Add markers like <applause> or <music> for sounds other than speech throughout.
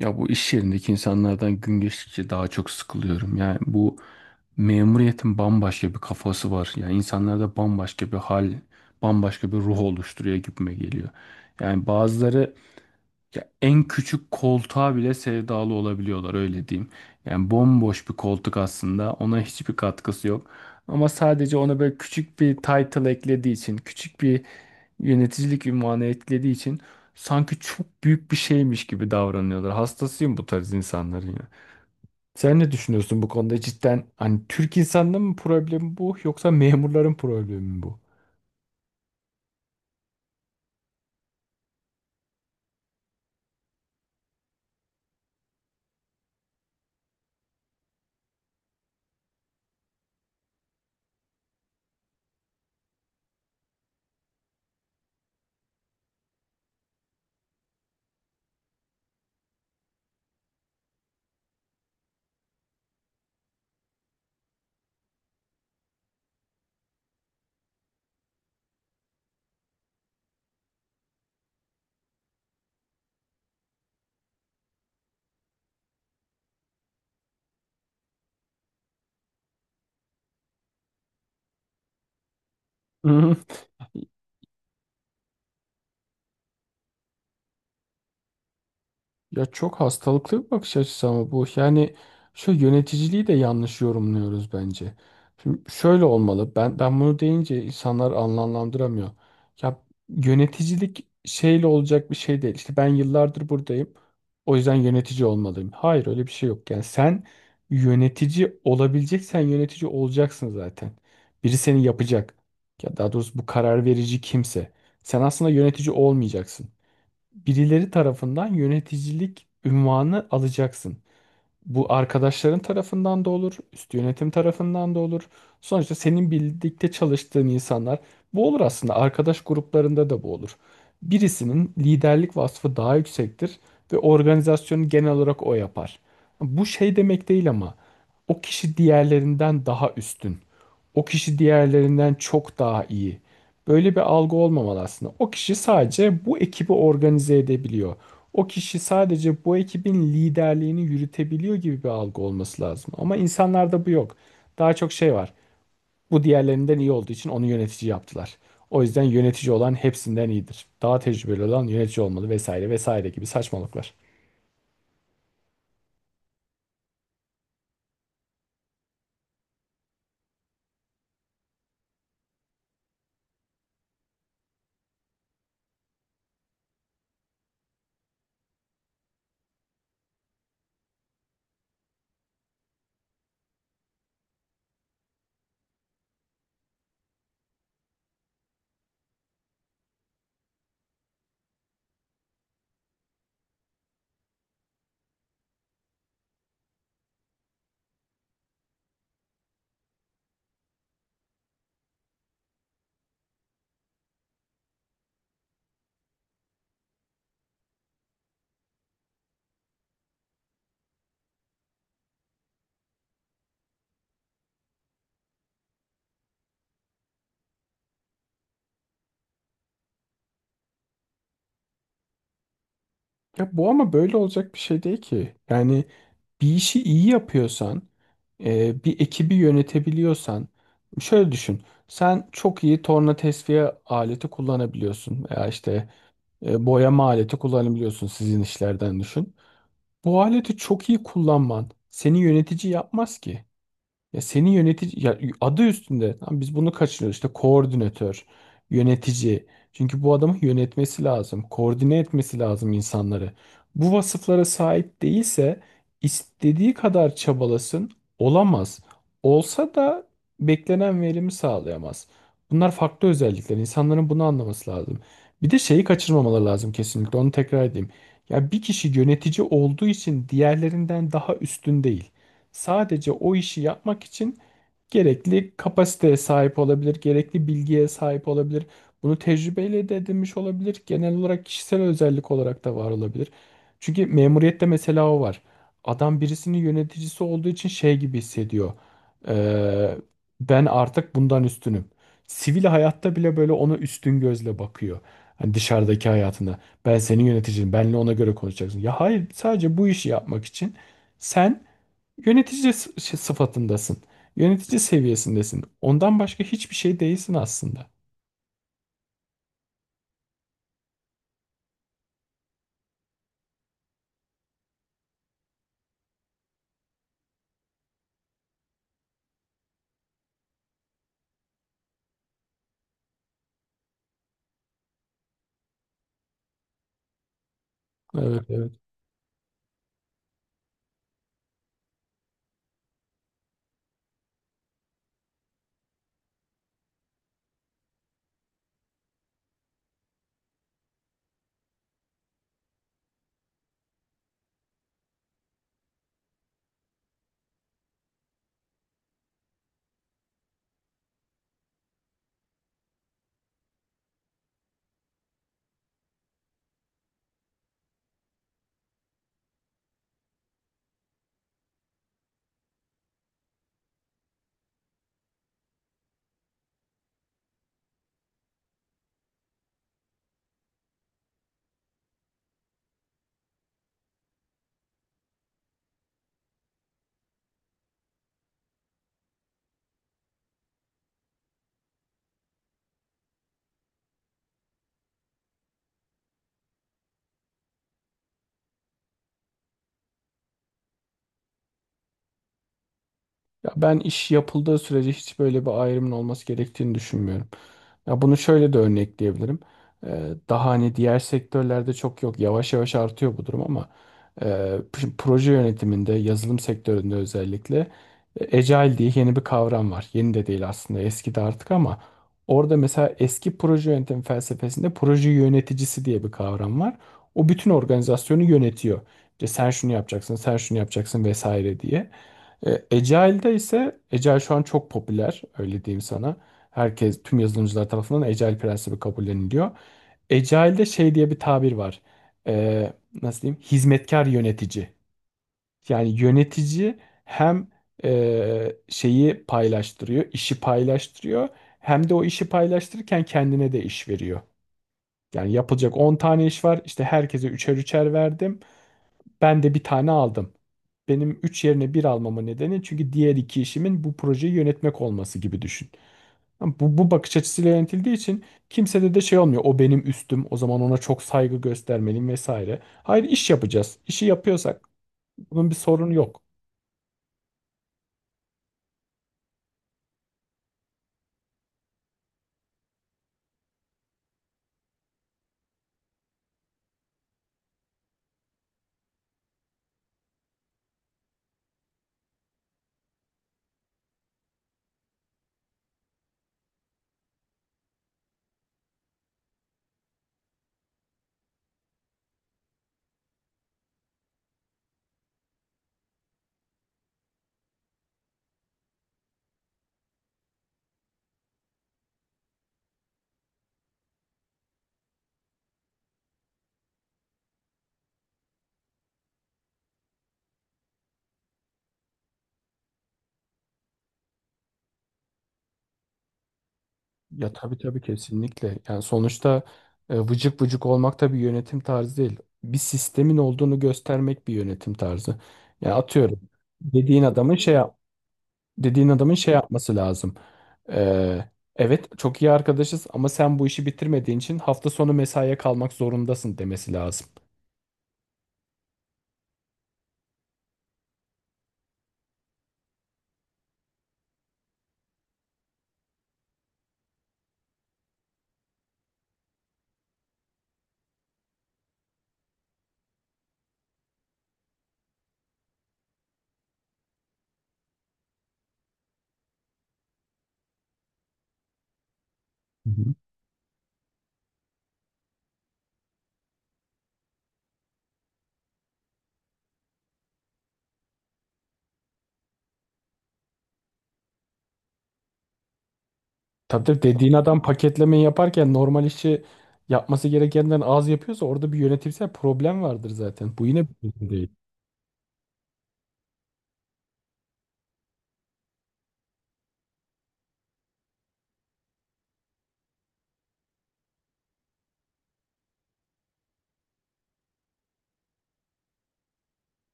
Ya bu iş yerindeki insanlardan gün geçtikçe daha çok sıkılıyorum. Yani bu memuriyetin bambaşka bir kafası var. Yani insanlarda bambaşka bir hal, bambaşka bir ruh oluşturuyor gibime geliyor. Yani bazıları ya en küçük koltuğa bile sevdalı olabiliyorlar öyle diyeyim. Yani bomboş bir koltuk aslında ona hiçbir katkısı yok. Ama sadece ona böyle küçük bir title eklediği için, küçük bir yöneticilik ünvanı etkilediği için sanki çok büyük bir şeymiş gibi davranıyorlar. Hastasıyım bu tarz insanların ya. Sen ne düşünüyorsun bu konuda? Cidden hani Türk insanının mı problemi bu yoksa memurların problemi mi bu? <laughs> Ya çok hastalıklı bir bakış açısı ama bu. Yani şu yöneticiliği de yanlış yorumluyoruz bence. Şimdi şöyle olmalı. Ben bunu deyince insanlar anlamlandıramıyor. Ya yöneticilik şeyle olacak bir şey değil. İşte ben yıllardır buradayım. O yüzden yönetici olmalıyım. Hayır öyle bir şey yok. Yani sen yönetici olabileceksen yönetici olacaksın zaten. Biri seni yapacak. Ya daha doğrusu bu karar verici kimse. Sen aslında yönetici olmayacaksın, birileri tarafından yöneticilik unvanı alacaksın. Bu arkadaşların tarafından da olur, üst yönetim tarafından da olur. Sonuçta senin birlikte çalıştığın insanlar bu olur aslında. Arkadaş gruplarında da bu olur. Birisinin liderlik vasfı daha yüksektir ve organizasyonu genel olarak o yapar. Bu şey demek değil ama o kişi diğerlerinden daha üstün. O kişi diğerlerinden çok daha iyi. Böyle bir algı olmamalı aslında. O kişi sadece bu ekibi organize edebiliyor. O kişi sadece bu ekibin liderliğini yürütebiliyor gibi bir algı olması lazım. Ama insanlarda bu yok. Daha çok şey var. Bu diğerlerinden iyi olduğu için onu yönetici yaptılar. O yüzden yönetici olan hepsinden iyidir. Daha tecrübeli olan yönetici olmalı vesaire vesaire gibi saçmalıklar. Ya bu ama böyle olacak bir şey değil ki. Yani bir işi iyi yapıyorsan, bir ekibi yönetebiliyorsan, şöyle düşün. Sen çok iyi torna tesviye aleti kullanabiliyorsun. Ya işte boyama aleti kullanabiliyorsun sizin işlerden düşün. Bu aleti çok iyi kullanman seni yönetici yapmaz ki. Ya senin yönetici ya adı üstünde. Tamam, biz bunu kaçırıyoruz. İşte koordinatör, yönetici. Çünkü bu adamın yönetmesi lazım, koordine etmesi lazım insanları. Bu vasıflara sahip değilse istediği kadar çabalasın olamaz. Olsa da beklenen verimi sağlayamaz. Bunlar farklı özellikler. İnsanların bunu anlaması lazım. Bir de şeyi kaçırmamaları lazım kesinlikle. Onu tekrar edeyim. Ya bir kişi yönetici olduğu için diğerlerinden daha üstün değil, sadece o işi yapmak için gerekli kapasiteye sahip olabilir, gerekli bilgiye sahip olabilir. Bunu tecrübeyle de edinmiş olabilir. Genel olarak kişisel özellik olarak da var olabilir. Çünkü memuriyette mesela o var. Adam birisinin yöneticisi olduğu için şey gibi hissediyor. Ee, ben artık bundan üstünüm. Sivil hayatta bile böyle ona üstün gözle bakıyor. Hani dışarıdaki hayatında. Ben senin yöneticinim. Benle ona göre konuşacaksın. Ya hayır, sadece bu işi yapmak için sen yönetici sıfatındasın. Yönetici seviyesindesin. Ondan başka hiçbir şey değilsin aslında. Evet, evet. Ya ben iş yapıldığı sürece hiç böyle bir ayrımın olması gerektiğini düşünmüyorum. Ya bunu şöyle de örnekleyebilirim. Daha hani diğer sektörlerde çok yok. Yavaş yavaş artıyor bu durum ama e, proje yönetiminde, yazılım sektöründe özellikle Agile diye yeni bir kavram var. Yeni de değil aslında, eski de artık ama orada mesela eski proje yönetim felsefesinde proje yöneticisi diye bir kavram var. O bütün organizasyonu yönetiyor. İşte sen şunu yapacaksın, sen şunu yapacaksın vesaire diye. E, Agile'de ise Agile şu an çok popüler öyle diyeyim sana. Herkes tüm yazılımcılar tarafından Agile prensibi kabulleniliyor. Agile'de şey diye bir tabir var. E, Nasıl diyeyim? Hizmetkar yönetici. Yani yönetici hem şeyi paylaştırıyor, işi paylaştırıyor, hem de o işi paylaştırırken kendine de iş veriyor. Yani yapılacak 10 tane iş var. İşte herkese üçer üçer verdim. Ben de bir tane aldım. Benim 3 yerine bir almama nedeni çünkü diğer iki işimin bu projeyi yönetmek olması gibi düşün. Ama bu bakış açısıyla yönetildiği için kimsede de şey olmuyor. O benim üstüm. O zaman ona çok saygı göstermeliyim vesaire. Hayır, iş yapacağız. İşi yapıyorsak bunun bir sorunu yok. Ya tabii tabii kesinlikle. Yani sonuçta vıcık vıcık olmak da bir yönetim tarzı değil. Bir sistemin olduğunu göstermek bir yönetim tarzı. Yani atıyorum dediğin adamın şey yap- dediğin adamın şey yapması lazım. Ee, evet çok iyi arkadaşız ama sen bu işi bitirmediğin için hafta sonu mesaiye kalmak zorundasın demesi lazım. Hı hı. Tabii tabii dediğin adam paketlemeyi yaparken normal işi yapması gerekenden az yapıyorsa orada bir yönetimsel problem vardır zaten. Bu yine bir çözüm değil.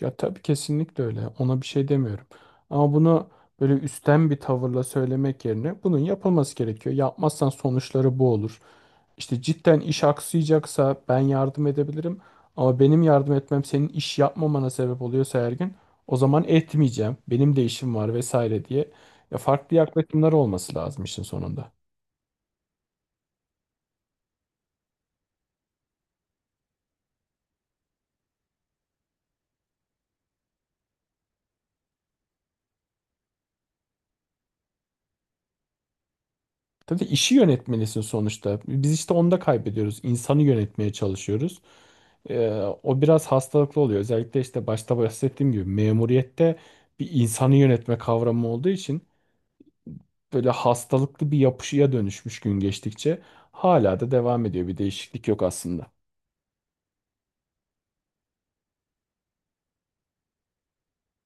Ya tabii kesinlikle öyle. Ona bir şey demiyorum. Ama bunu böyle üstten bir tavırla söylemek yerine bunun yapılması gerekiyor. Yapmazsan sonuçları bu olur. İşte cidden iş aksayacaksa ben yardım edebilirim. Ama benim yardım etmem senin iş yapmamana sebep oluyorsa her gün o zaman etmeyeceğim. Benim de işim var vesaire diye. Ya farklı yaklaşımlar olması lazım işin sonunda. Tabii işi yönetmelisin sonuçta. Biz işte onda kaybediyoruz. İnsanı yönetmeye çalışıyoruz. Ee, o biraz hastalıklı oluyor. Özellikle işte başta bahsettiğim gibi memuriyette bir insanı yönetme kavramı olduğu için böyle hastalıklı bir yapışıya dönüşmüş, gün geçtikçe hala da devam ediyor. Bir değişiklik yok aslında.